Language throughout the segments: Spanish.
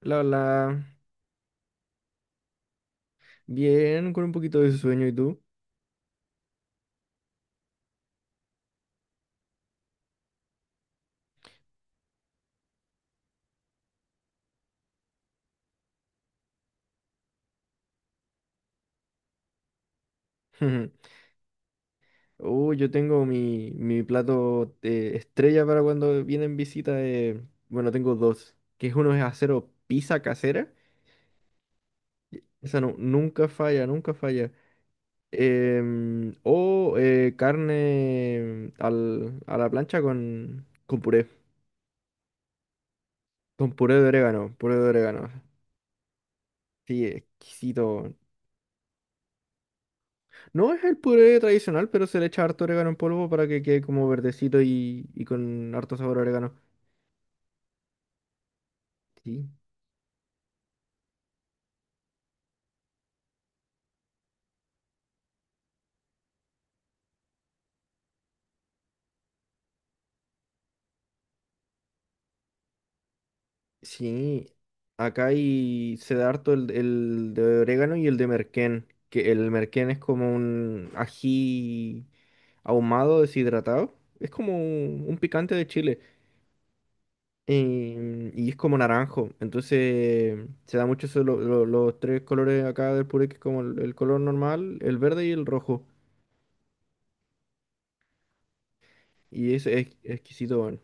La, la, Bien, con un poquito de sueño, ¿y tú? Yo tengo mi plato estrella para cuando vienen visitas. Bueno, tengo dos, que uno es acero pizza casera. Esa no, nunca falla, nunca falla. O carne a la plancha con puré, con puré de orégano, puré de orégano. Sí, exquisito. No es el puré tradicional, pero se le echa harto orégano en polvo para que quede como verdecito y con harto sabor a orégano. Sí. Sí. Acá se da harto el de orégano y el de merquén. Que el merquén es como un ají ahumado, deshidratado. Es como un picante de Chile. Y es como naranjo. Entonces se da mucho eso, los tres colores acá del puré, que es como el color normal, el verde y el rojo. Y es exquisito, bueno.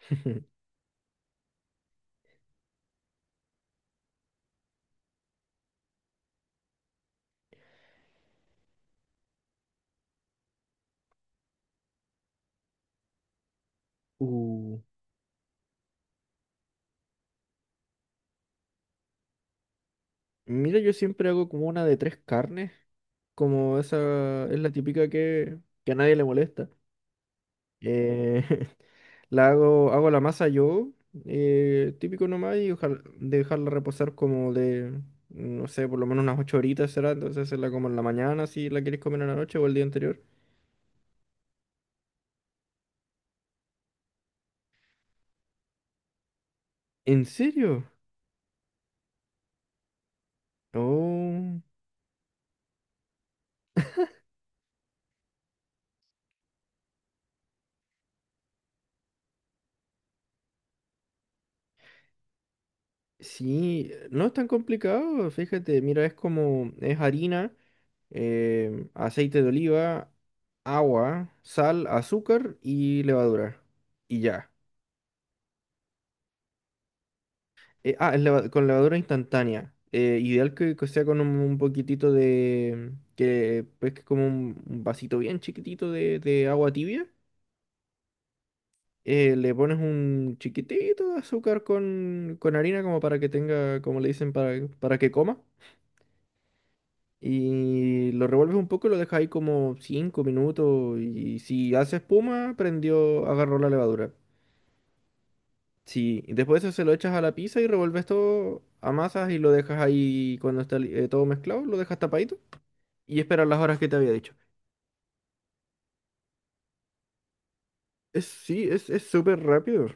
Uh, mira, yo siempre hago como una de tres carnes, como esa es la típica que a nadie le molesta. Eh, hago la masa yo, típico nomás, y dejarla reposar como de, no sé, por lo menos unas 8 horitas será, entonces hacerla como en la mañana si la quieres comer en la noche o el día anterior. ¿En serio? Oh, sí, no es tan complicado, fíjate, mira, es como, es harina. Aceite de oliva, agua, sal, azúcar y levadura. Y ya. Con levadura instantánea. Ideal que sea con un poquitito de... que pues que como un vasito bien chiquitito de agua tibia. Le pones un chiquitito de azúcar con harina como para que tenga, como le dicen, para que coma. Y lo revuelves un poco y lo dejas ahí como 5 minutos. Y si hace espuma, prendió, agarró la levadura. Sí, y después eso se lo echas a la pizza y revuelves todo, amasas y lo dejas ahí cuando está todo mezclado, lo dejas tapadito y esperas las horas que te había dicho. Sí, es súper rápido.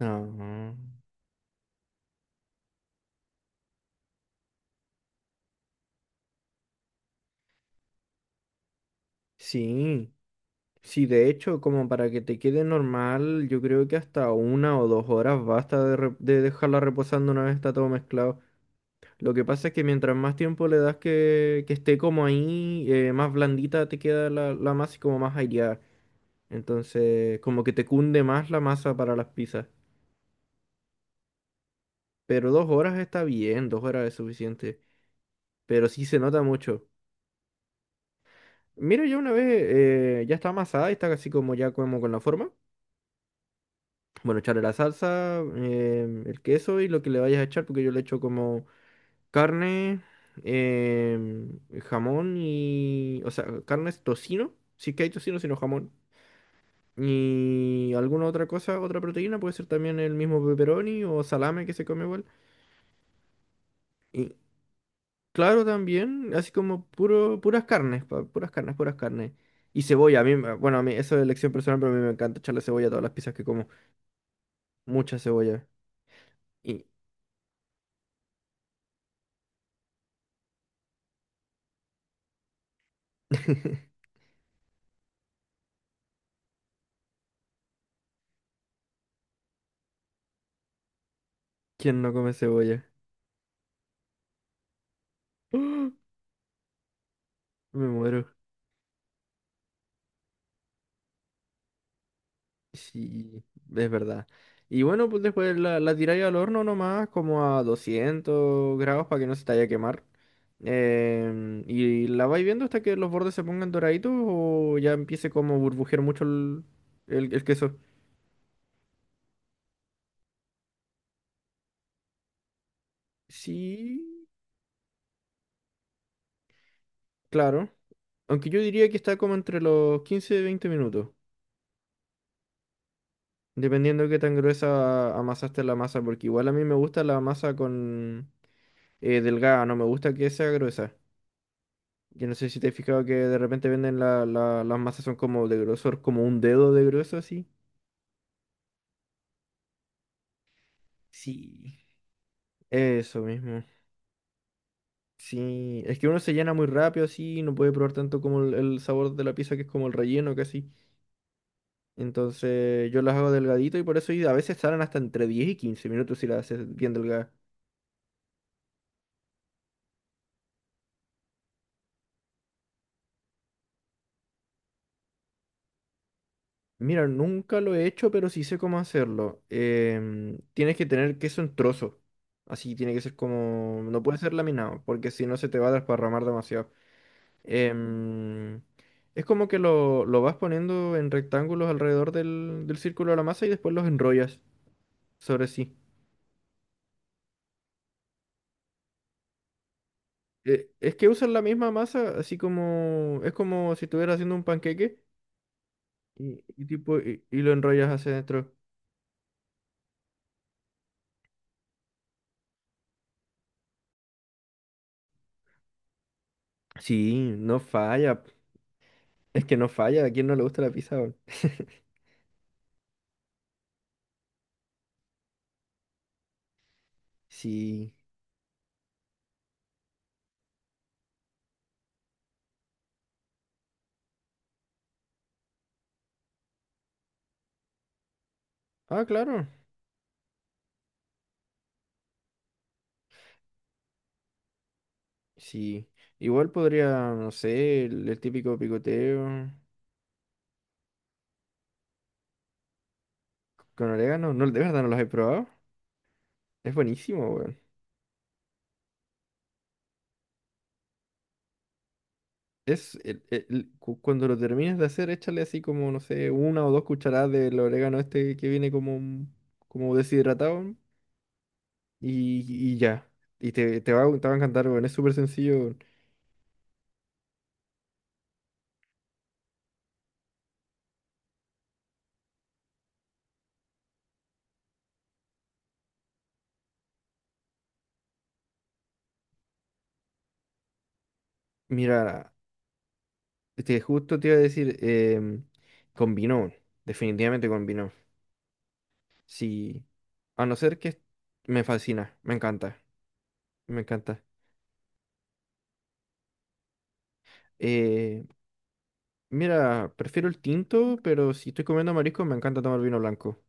Ah, sí, sí, de hecho, como para que te quede normal, yo creo que hasta 1 o 2 horas basta de dejarla reposando una vez está todo mezclado. Lo que pasa es que mientras más tiempo le das que esté como ahí, más blandita te queda la masa y como más aireada. Entonces, como que te cunde más la masa para las pizzas. Pero 2 horas está bien, 2 horas es suficiente. Pero sí se nota mucho. Mira, ya una vez ya está amasada y está casi como ya como con la forma. Bueno, echarle la salsa, el queso y lo que le vayas a echar, porque yo le echo como carne, em, jamón y... O sea, carne es tocino. Si es que hay tocino, sino jamón. Y alguna otra cosa, otra proteína, puede ser también el mismo pepperoni o salame que se come igual. Y claro, también, así como puras carnes, puras carnes, puras carnes. Y cebolla, bueno, a mí eso es elección personal, pero a mí me encanta echarle cebolla a todas las pizzas que como. Mucha cebolla. Y. ¿Quién no come cebolla? Me muero. Sí, es verdad. Y bueno, pues después la tiráis al horno nomás, como a 200 grados para que no se te vaya a quemar. Y la vais viendo hasta que los bordes se pongan doraditos o ya empiece como a burbujear mucho el queso. Sí, claro. Aunque yo diría que está como entre los 15 y 20 minutos, dependiendo de qué tan gruesa amasaste la masa, porque igual a mí me gusta la masa con delgada, no me gusta que sea gruesa. Yo no sé si te has fijado que de repente venden las masas son como de grosor, como un dedo de grueso así. Sí. Eso mismo. Sí, es que uno se llena muy rápido así, y no puede probar tanto como el sabor de la pizza que es como el relleno casi. Entonces yo las hago delgadito y por eso y a veces salen hasta entre 10 y 15 minutos si las haces bien delgadas. Mira, nunca lo he hecho, pero sí sé cómo hacerlo. Tienes que tener queso en trozo. Así tiene que ser como. No puede ser laminado, porque si no se te va a desparramar demasiado. Em, es como que lo vas poniendo en rectángulos alrededor del círculo de la masa y después los enrollas sobre sí. Es que usan la misma masa, así como es como si estuvieras haciendo un panqueque y tipo y lo enrollas hacia adentro. Sí, no falla. Es que no falla. ¿A quién no le gusta la pizza, weón? Sí. Ah, claro. Sí. Igual podría, no sé, el típico picoteo con orégano. No, de verdad no los he probado. Es buenísimo, weón. Es cuando lo termines de hacer, échale así como, no sé, 1 o 2 cucharadas del orégano este que viene como, como deshidratado, ¿no? y, y ya. Y te te va a encantar, weón. Es súper sencillo, weón. Mira, este, justo te iba a decir, combinó, weón. Definitivamente combinó. Sí, a no ser que me fascina, me encanta, me encanta. Eh, mira, prefiero el tinto, pero si estoy comiendo marisco, me encanta tomar vino blanco.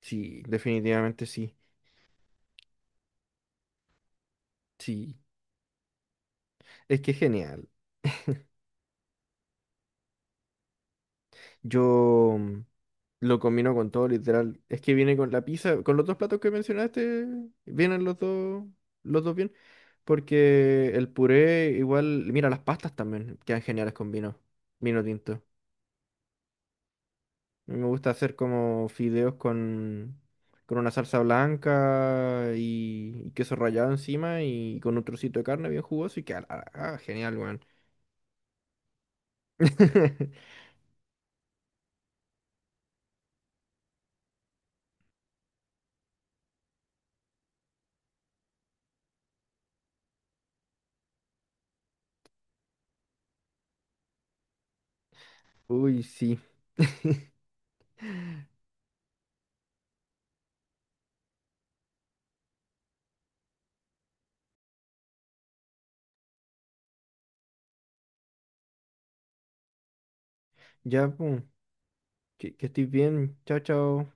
Sí, definitivamente sí. Sí, es que es genial. Yo lo combino con todo, literal. Es que viene con la pizza, con los dos platos que mencionaste, vienen los dos bien. Porque el puré, igual, mira, las pastas también quedan geniales con vino, vino tinto. A mí me gusta hacer como fideos con una salsa blanca y queso rallado encima y con un trocito de carne bien jugoso y queda ah, ah, genial, weón. Uy, sí. Ya, po. Que estés bien. Chao, chao.